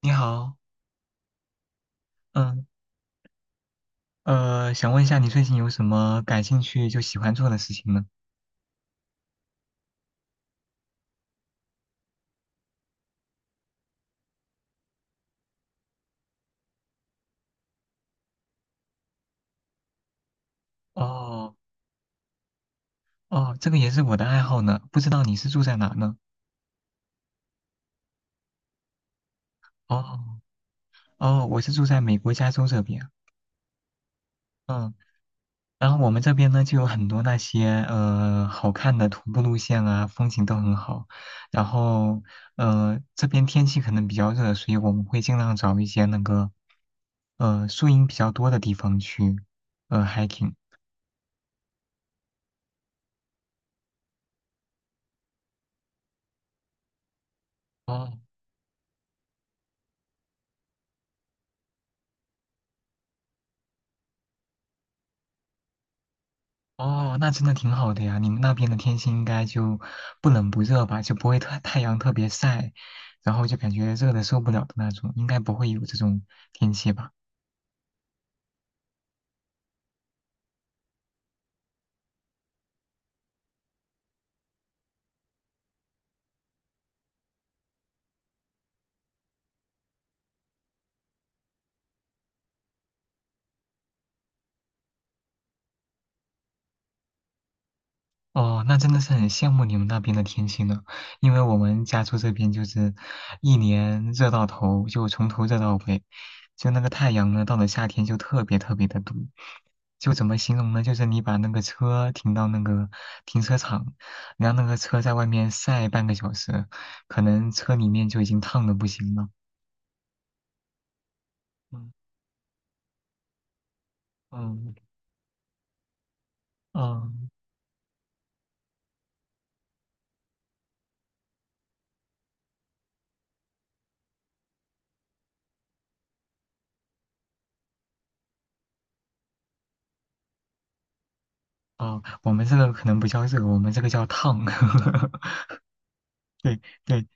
你好，嗯，想问一下你最近有什么感兴趣就喜欢做的事情呢？哦，哦，这个也是我的爱好呢，不知道你是住在哪呢？哦，哦，我是住在美国加州这边，嗯，然后我们这边呢就有很多那些好看的徒步路线啊，风景都很好，然后这边天气可能比较热，所以我们会尽量找一些那个树荫比较多的地方去hiking。哦。哦，那真的挺好的呀。你们那边的天气应该就不冷不热吧，就不会太阳特别晒，然后就感觉热的受不了的那种，应该不会有这种天气吧？哦，那真的是很羡慕你们那边的天气呢，因为我们家住这边就是一年热到头，就从头热到尾，就那个太阳呢，到了夏天就特别特别的毒，就怎么形容呢？就是你把那个车停到那个停车场，然后那个车在外面晒半个小时，可能车里面就已经烫的不行了。嗯嗯嗯哦，我们这个可能不叫热，我们这个叫烫。对对，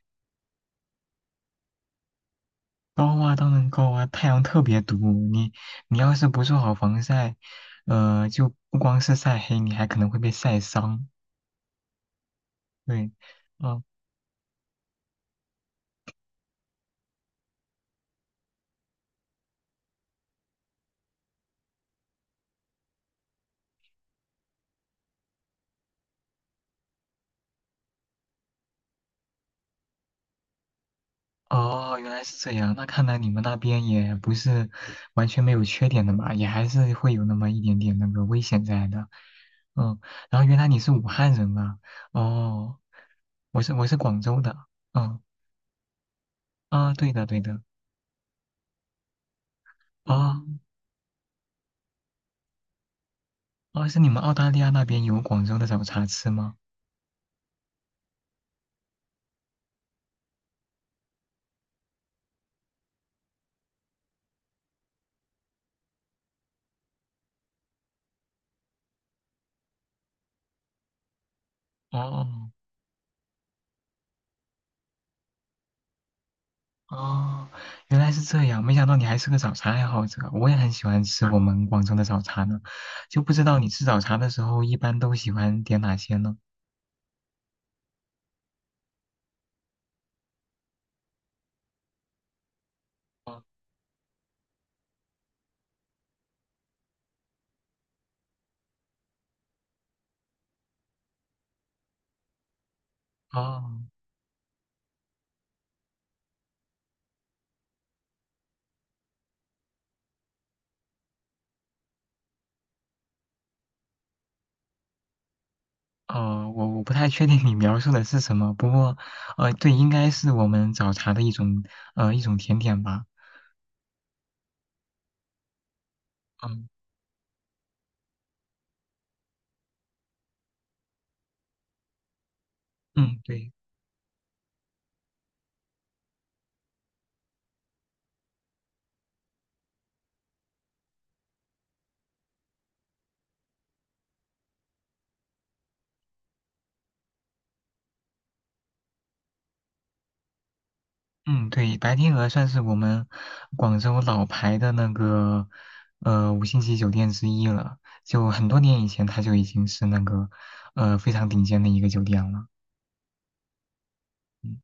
高啊，当然高啊，太阳特别毒。你你要是不做好防晒，就不光是晒黑，你还可能会被晒伤。对，嗯，哦，原来是这样。那看来你们那边也不是完全没有缺点的嘛，也还是会有那么一点点那个危险在的。嗯，然后原来你是武汉人啊？哦，我是广州的。嗯啊，对的对的。哦哦，是你们澳大利亚那边有广州的早茶吃吗？哦。哦，原来是这样，没想到你还是个早茶爱好者。我也很喜欢吃我们广州的早茶呢，就不知道你吃早茶的时候一般都喜欢点哪些呢？哦，哦，我不太确定你描述的是什么，不过，对，应该是我们早茶的一种，一种甜点吧。嗯嗯，对。嗯，对，白天鹅算是我们广州老牌的那个五星级酒店之一了，就很多年以前它就已经是那个非常顶尖的一个酒店了。嗯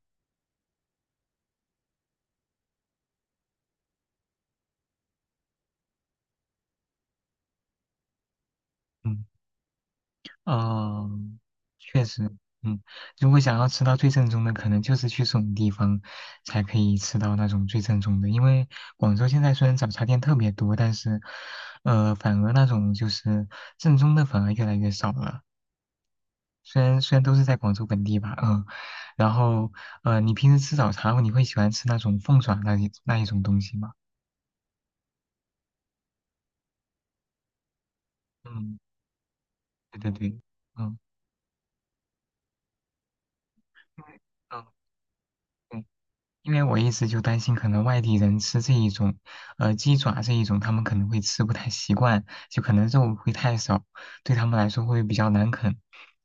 嗯哦，确实，嗯，如果想要吃到最正宗的，可能就是去这种地方才可以吃到那种最正宗的。因为广州现在虽然早茶店特别多，但是反而那种就是正宗的反而越来越少了。虽然都是在广州本地吧，嗯，然后你平时吃早茶后你会喜欢吃那种凤爪那一种东西吗？嗯，对对对，嗯，因为嗯对因为我一直就担心，可能外地人吃这一种，鸡爪这一种，他们可能会吃不太习惯，就可能肉会太少，对他们来说会比较难啃。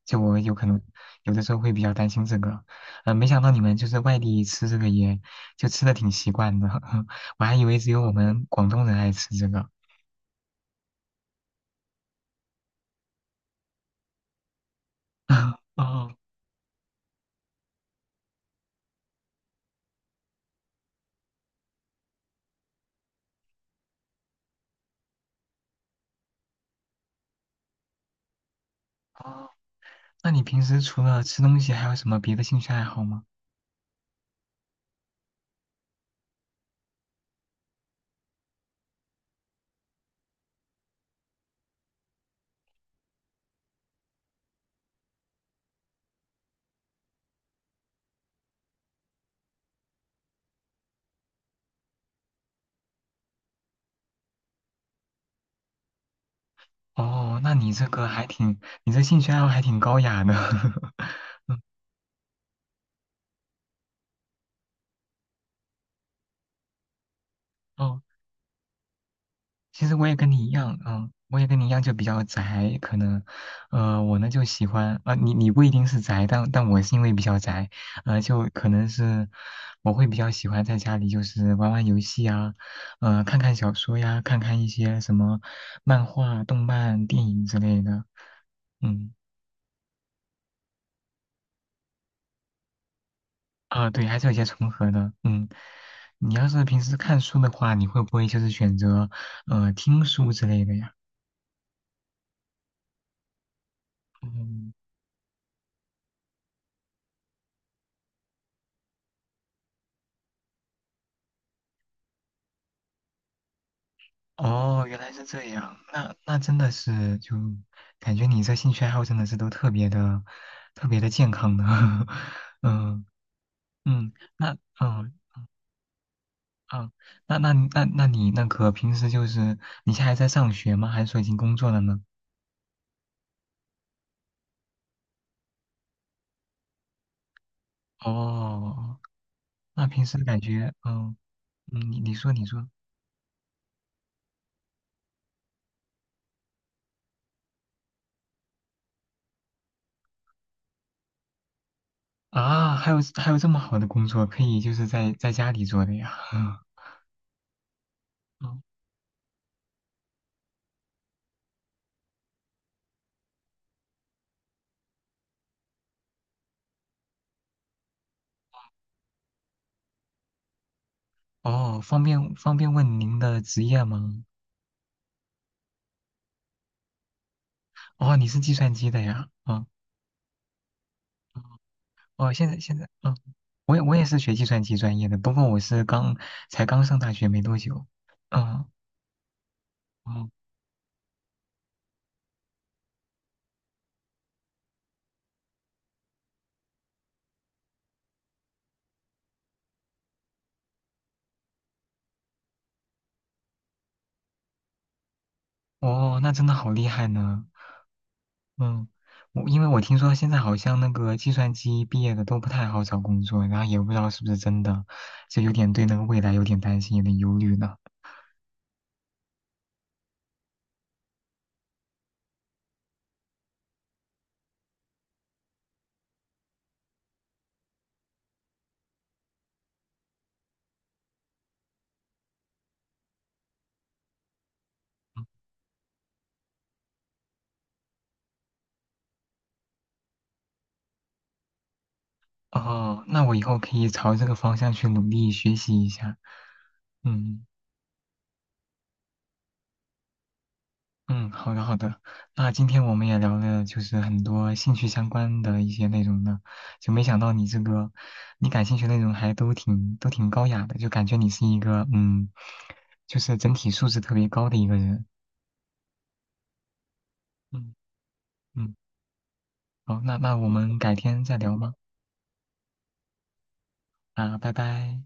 就我有可能有的时候会比较担心这个，没想到你们就是外地吃这个也就吃的挺习惯的，我还以为只有我们广东人爱吃这个。哦，那你平时除了吃东西，还有什么别的兴趣爱好吗？哦，那你这个还挺，你这兴趣爱好还挺高雅的。哦。其实我也跟你一样，嗯，我也跟你一样，就比较宅，可能，我呢就喜欢，啊，你不一定是宅，但我是因为比较宅，就可能是我会比较喜欢在家里就是玩玩游戏啊，看看小说呀，看看一些什么漫画、动漫、电影之类的，嗯，啊，对，还是有些重合的，嗯，你要是平时看书的话，你会不会就是选择，听书之类的呀？嗯。哦，原来是这样，那那真的是就感觉你这兴趣爱好真的是都特别的、特别的健康呢。嗯嗯，那嗯嗯，那你那个平时就是你现在还在上学吗？还是说已经工作了呢？哦，那平时感觉嗯嗯，你说啊，还有这么好的工作可以就是在家里做的呀，嗯嗯哦，方便问您的职业吗？哦，你是计算机的呀？哦哦，现在现在，嗯，我也是学计算机专业的，不过我是才刚上大学没多久，嗯，哦哦，那真的好厉害呢，嗯，因为我听说现在好像那个计算机毕业的都不太好找工作，然后也不知道是不是真的，就有点对那个未来有点担心，有点忧虑呢。哦，那我以后可以朝这个方向去努力学习一下，嗯。嗯，好的好的，那今天我们也聊了就是很多兴趣相关的一些内容呢，就没想到你这个你感兴趣的内容还都挺高雅的，就感觉你是一个就是整体素质特别高的一个人。嗯嗯，好，那我们改天再聊吗？啊，拜拜。